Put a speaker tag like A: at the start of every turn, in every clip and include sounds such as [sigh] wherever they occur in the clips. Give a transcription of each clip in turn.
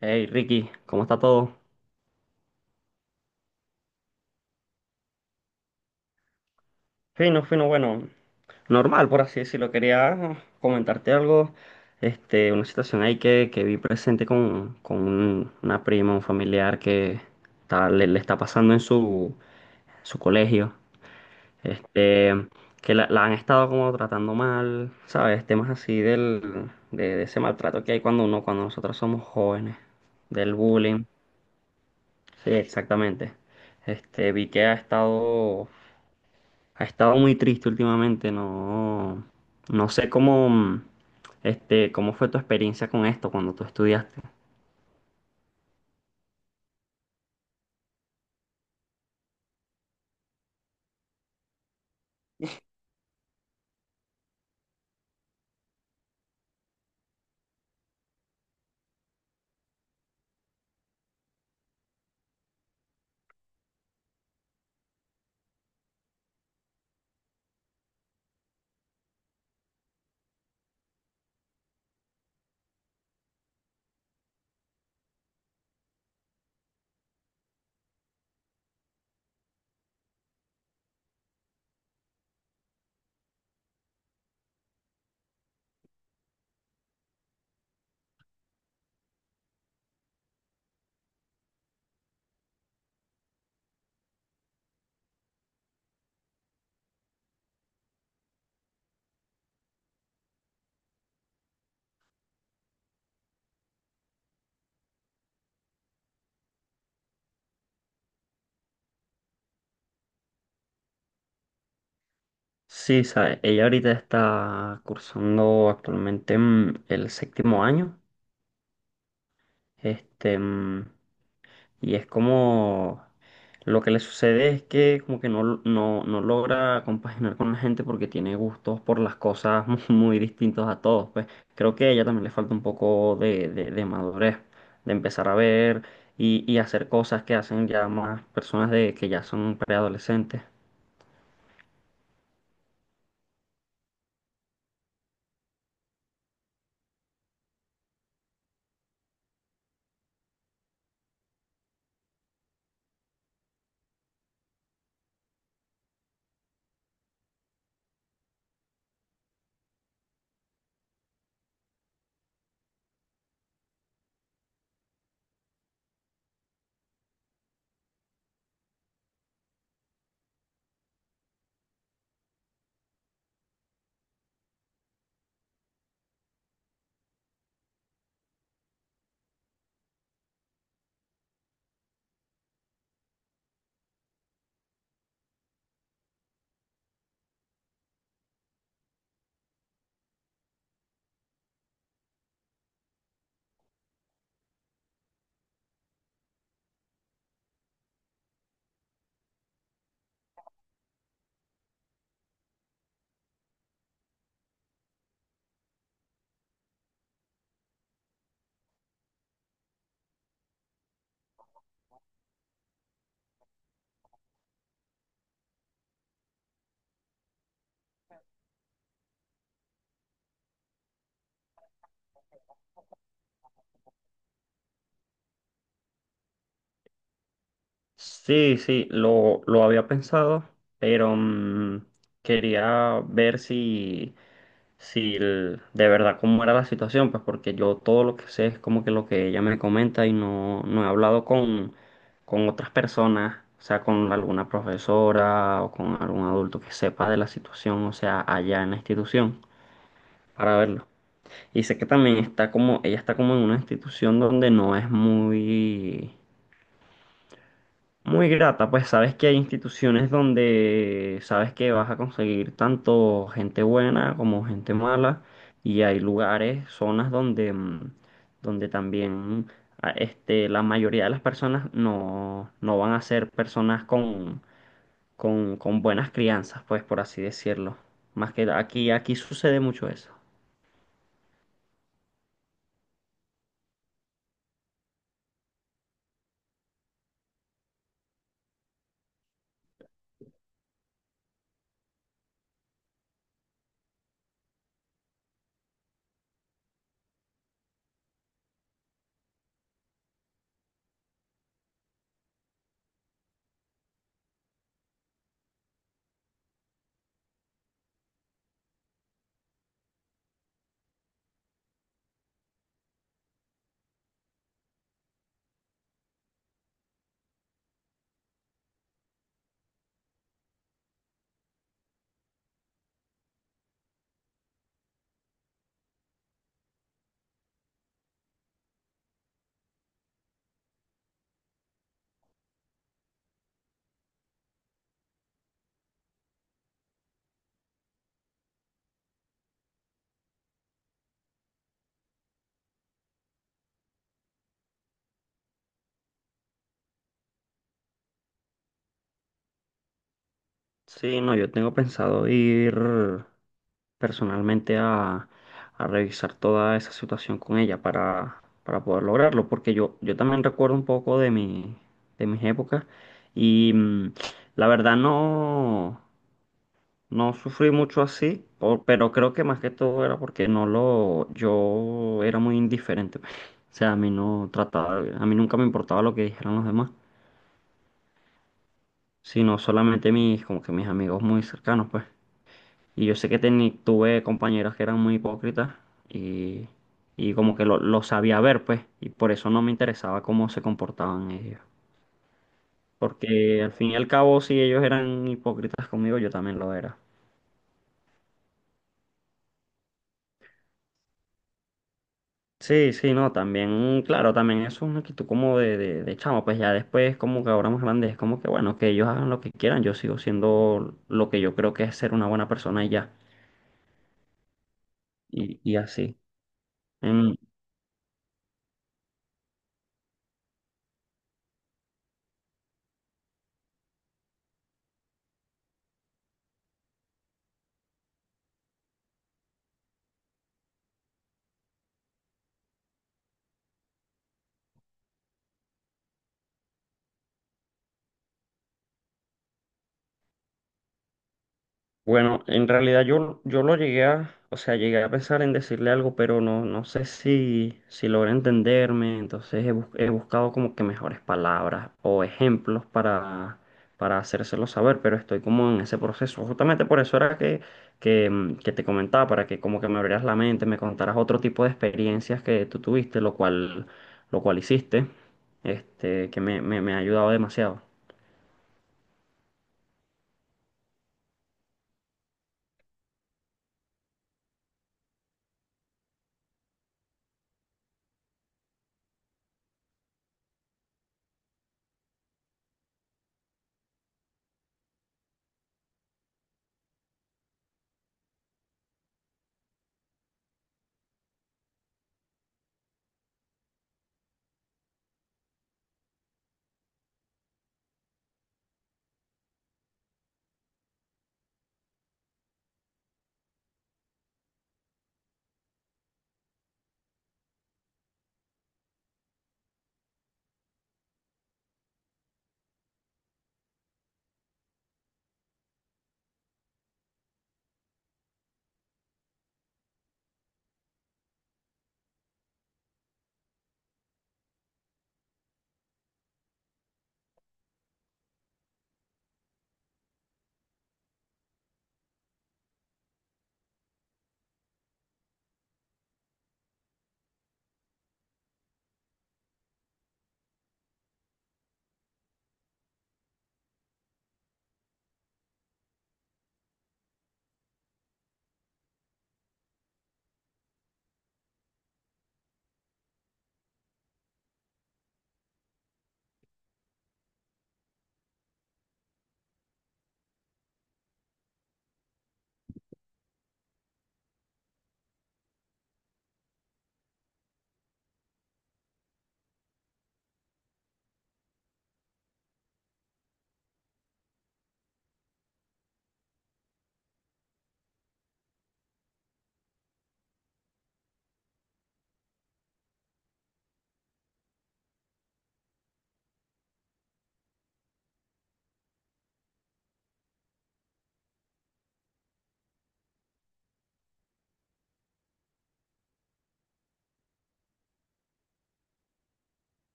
A: Hey Ricky, ¿cómo está todo? Fino, fino, bueno, normal por así decirlo. Quería comentarte algo, una situación ahí que vi presente con una prima, un familiar que le está pasando en su colegio, este, que la han estado como tratando mal, ¿sabes? Temas así de ese maltrato que hay cuando uno, cuando nosotros somos jóvenes, del bullying. Sí, exactamente. Este, vi que ha estado Ha estado muy triste últimamente, no, no sé cómo, cómo fue tu experiencia con esto cuando tú estudiaste. Sí, sabe, ella ahorita está cursando actualmente el séptimo año. Este, mm, y es como lo que le sucede es que como que no logra compaginar con la gente porque tiene gustos por las cosas [laughs] muy, muy distintos a todos. Pues creo que a ella también le falta un poco de madurez, de empezar a ver y hacer cosas que hacen ya más personas de que ya son preadolescentes. Sí, sí, lo había pensado, pero quería ver si, de verdad cómo era la situación, pues porque yo todo lo que sé es como que lo que ella me comenta y no, no he hablado con otras personas, o sea, con alguna profesora o con algún adulto que sepa de la situación, o sea, allá en la institución, para verlo. Y sé que también está como, ella está como en una institución donde no es muy... Muy grata, pues sabes que hay instituciones donde sabes que vas a conseguir tanto gente buena como gente mala y hay lugares, zonas donde, donde también la mayoría de las personas no, no van a ser personas con, con buenas crianzas, pues por así decirlo. Más que aquí, aquí sucede mucho eso. Sí, no, yo tengo pensado ir personalmente a revisar toda esa situación con ella para poder lograrlo, porque yo también recuerdo un poco de mi, de mis épocas y la verdad no, no sufrí mucho así, pero creo que más que todo era porque no lo, yo era muy indiferente. [laughs] O sea, a mí no trataba, a mí nunca me importaba lo que dijeran los demás, sino solamente mis, como que mis amigos muy cercanos, pues. Y yo sé que tuve compañeras que eran muy hipócritas y, y como que lo sabía ver, pues, y por eso no me interesaba cómo se comportaban ellos. Porque al fin y al cabo, si ellos eran hipócritas conmigo, yo también lo era. Sí, sí, no, también, claro, también es una actitud como de chamo, pues ya después, como que ahora más grande, es como que bueno, que ellos hagan lo que quieran, yo sigo siendo lo que yo creo que es ser una buena persona y ya, y así. En- Bueno, en realidad yo, yo lo llegué a, o sea, llegué a pensar en decirle algo, pero no, no sé si, si logra entenderme, entonces he buscado como que mejores palabras o ejemplos para hacérselo saber, pero estoy como en ese proceso. Justamente por eso era que te comentaba, para que como que me abrieras la mente, me contaras otro tipo de experiencias que tú tuviste, lo cual hiciste, que me ha ayudado demasiado.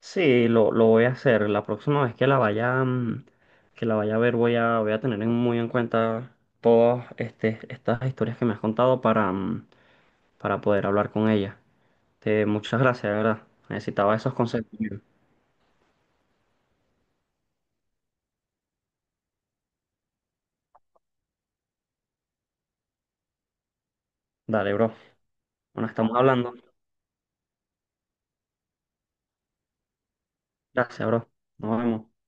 A: Sí, lo voy a hacer. La próxima vez que la vaya, que la vaya a ver, voy a tener muy en cuenta estas historias que me has contado para, para poder hablar con ella. Muchas gracias, de verdad. Necesitaba esos consejos. Dale, bro. Bueno, estamos hablando. Gracias, bro. Nos vemos.